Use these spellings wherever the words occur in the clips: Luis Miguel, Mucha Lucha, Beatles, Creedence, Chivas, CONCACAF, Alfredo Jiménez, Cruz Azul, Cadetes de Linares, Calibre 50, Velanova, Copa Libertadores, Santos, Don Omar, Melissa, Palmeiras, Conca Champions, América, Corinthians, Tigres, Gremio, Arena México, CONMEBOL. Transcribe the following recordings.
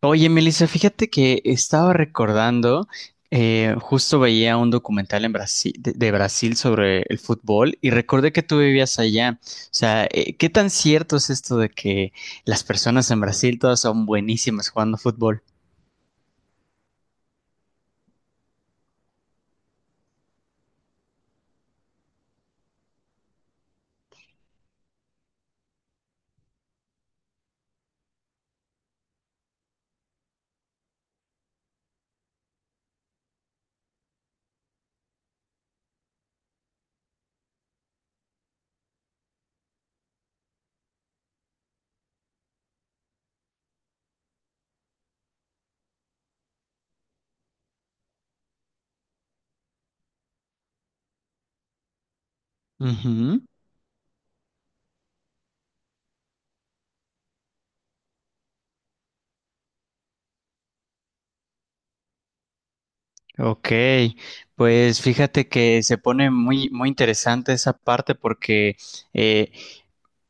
Oye, Melissa, fíjate que estaba recordando, justo veía un documental en Brasil, de Brasil sobre el fútbol y recordé que tú vivías allá. O sea, ¿qué tan cierto es esto de que las personas en Brasil todas son buenísimas jugando fútbol? Ujú. Ok, pues fíjate que se pone muy, muy interesante esa parte porque eh,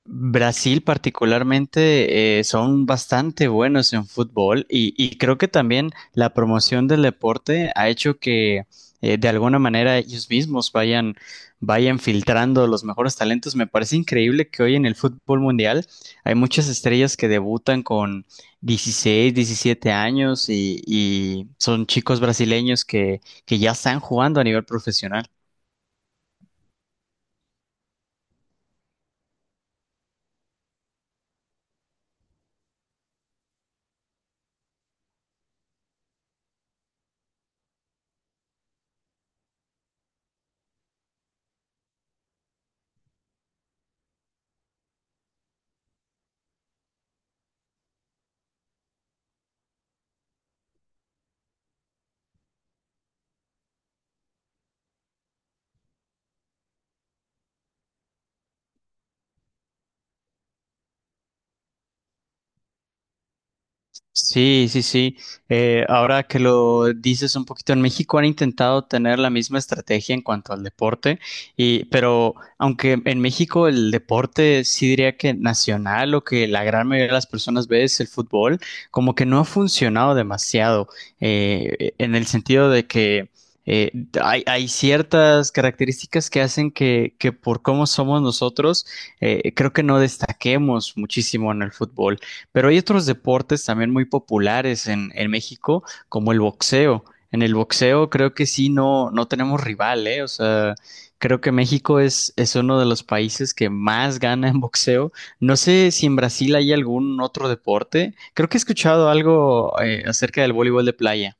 Brasil particularmente son bastante buenos en fútbol y creo que también la promoción del deporte ha hecho que de alguna manera ellos mismos vayan filtrando los mejores talentos. Me parece increíble que hoy en el fútbol mundial hay muchas estrellas que debutan con 16, 17 años y son chicos brasileños que ya están jugando a nivel profesional. Sí, sí, sí. Ahora que lo dices un poquito, en México han intentado tener la misma estrategia en cuanto al deporte, y, pero aunque en México el deporte sí diría que nacional o que la gran mayoría de las personas ve es el fútbol, como que no ha funcionado demasiado en el sentido de que eh, hay ciertas características que hacen que por cómo somos nosotros, creo que no destaquemos muchísimo en el fútbol. Pero hay otros deportes también muy populares en México, como el boxeo. En el boxeo creo que sí, no, no tenemos rival, ¿eh? O sea, creo que México es uno de los países que más gana en boxeo. No sé si en Brasil hay algún otro deporte. Creo que he escuchado algo acerca del voleibol de playa.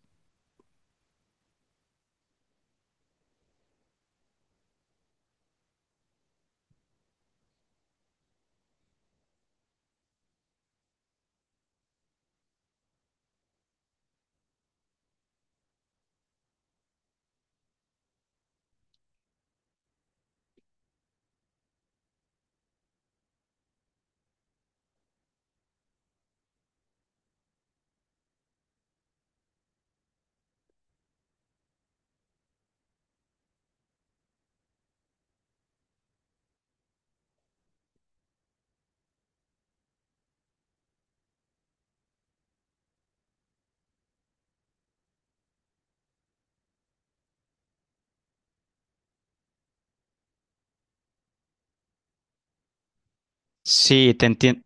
Sí,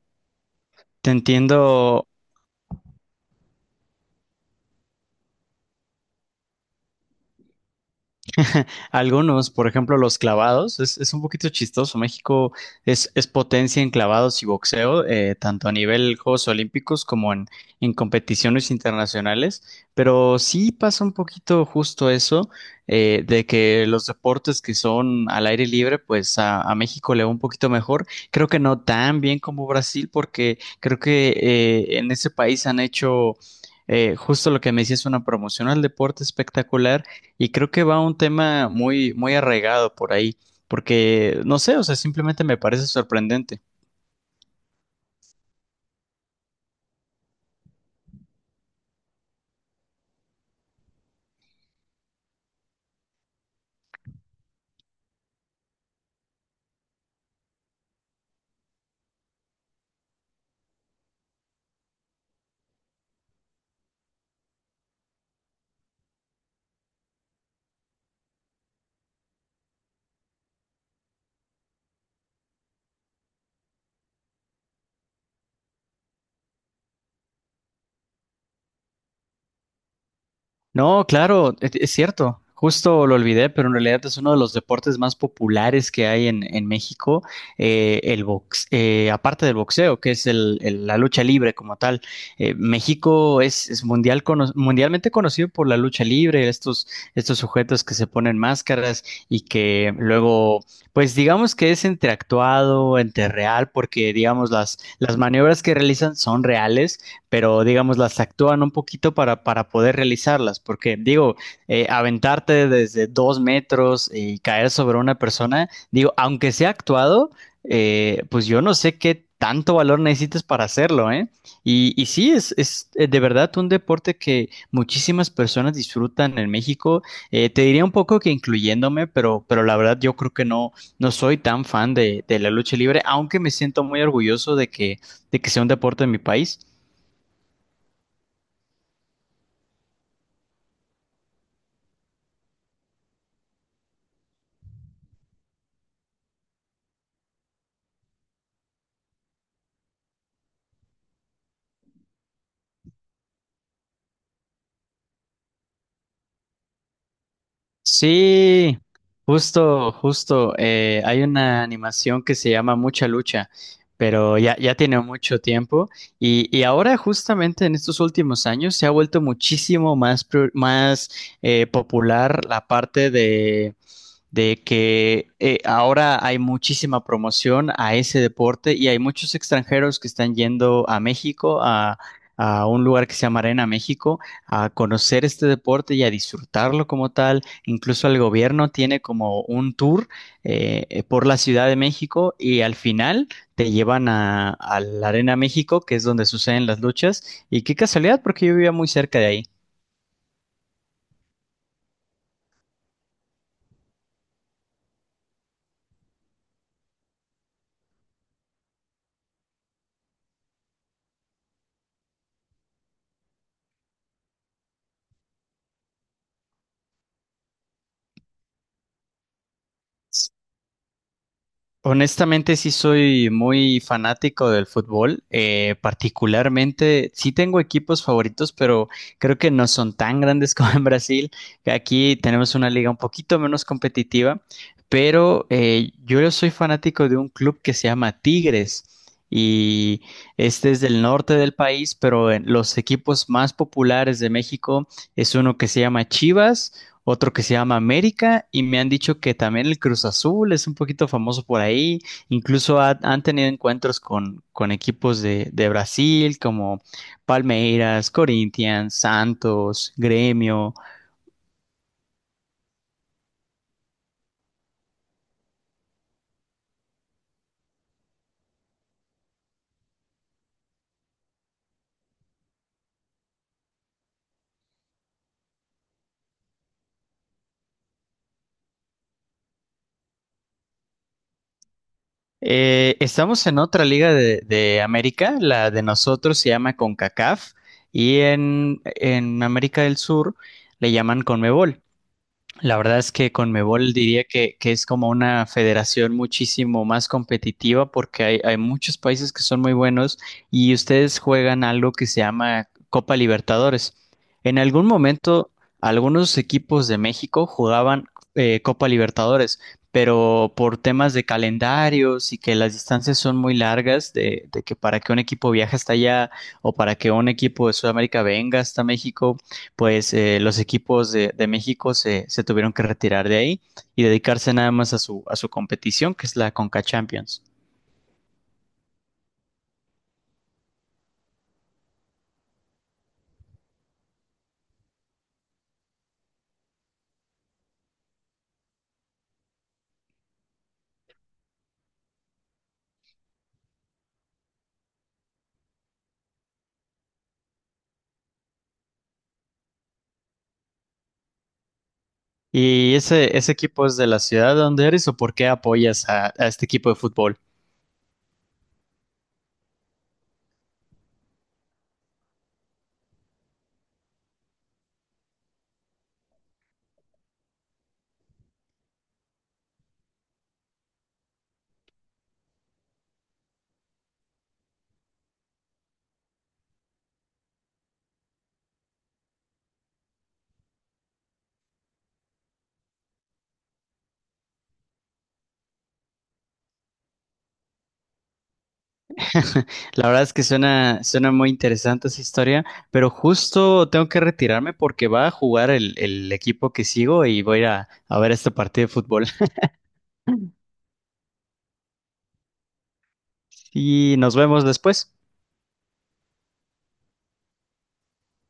te entiendo. Algunos, por ejemplo, los clavados, es un poquito chistoso. México es potencia en clavados y boxeo, tanto a nivel Juegos Olímpicos como en competiciones internacionales, pero sí pasa un poquito justo eso, de que los deportes que son al aire libre, pues a México le va un poquito mejor. Creo que no tan bien como Brasil, porque creo que en ese país han hecho justo lo que me decías, una promoción al deporte espectacular y creo que va un tema muy, muy arraigado por ahí, porque no sé, o sea, simplemente me parece sorprendente. No, claro, es cierto. Justo lo olvidé, pero en realidad es uno de los deportes más populares que hay en México, el box, aparte del boxeo, que es la lucha libre como tal. México es mundial mundialmente conocido por la lucha libre, estos, estos sujetos que se ponen máscaras y que luego, pues digamos que es entre actuado, entre real, porque digamos las maniobras que realizan son reales, pero digamos las actúan un poquito para poder realizarlas, porque digo, aventarte desde 2 metros y caer sobre una persona, digo, aunque sea actuado, pues yo no sé qué tanto valor necesitas para hacerlo, ¿eh? Y sí, es de verdad un deporte que muchísimas personas disfrutan en México. Te diría un poco que incluyéndome, pero la verdad yo creo que no, no soy tan fan de la lucha libre, aunque me siento muy orgulloso de que sea un deporte en mi país. Sí, justo, justo. Hay una animación que se llama Mucha Lucha, pero ya, ya tiene mucho tiempo y ahora justamente en estos últimos años se ha vuelto muchísimo más, más popular la parte de que ahora hay muchísima promoción a ese deporte y hay muchos extranjeros que están yendo a México, a un lugar que se llama Arena México, a conocer este deporte y a disfrutarlo como tal. Incluso el gobierno tiene como un tour por la Ciudad de México y al final te llevan a la Arena México, que es donde suceden las luchas. Y qué casualidad, porque yo vivía muy cerca de ahí. Honestamente, sí soy muy fanático del fútbol. Particularmente, sí tengo equipos favoritos, pero creo que no son tan grandes como en Brasil. Aquí tenemos una liga un poquito menos competitiva, pero yo soy fanático de un club que se llama Tigres. Y este es del norte del país, pero en los equipos más populares de México es uno que se llama Chivas, otro que se llama América, y me han dicho que también el Cruz Azul es un poquito famoso por ahí, incluso han tenido encuentros con equipos de Brasil como Palmeiras, Corinthians, Santos, Gremio. Estamos en otra liga de América, la de nosotros se llama CONCACAF y en América del Sur le llaman CONMEBOL. La verdad es que Conmebol diría que es como una federación muchísimo más competitiva porque hay muchos países que son muy buenos y ustedes juegan algo que se llama Copa Libertadores. En algún momento, algunos equipos de México jugaban Copa Libertadores, pero por temas de calendarios y que las distancias son muy largas, de que para que un equipo viaje hasta allá o para que un equipo de Sudamérica venga hasta México, pues los equipos de México se, se tuvieron que retirar de ahí y dedicarse nada más a su competición, que es la Conca Champions. ¿Y ese equipo es de la ciudad donde eres o por qué apoyas a este equipo de fútbol? La verdad es que suena, suena muy interesante esa historia, pero justo tengo que retirarme porque va a jugar el equipo que sigo y voy a, ir a ver este partido de fútbol. Y nos vemos después.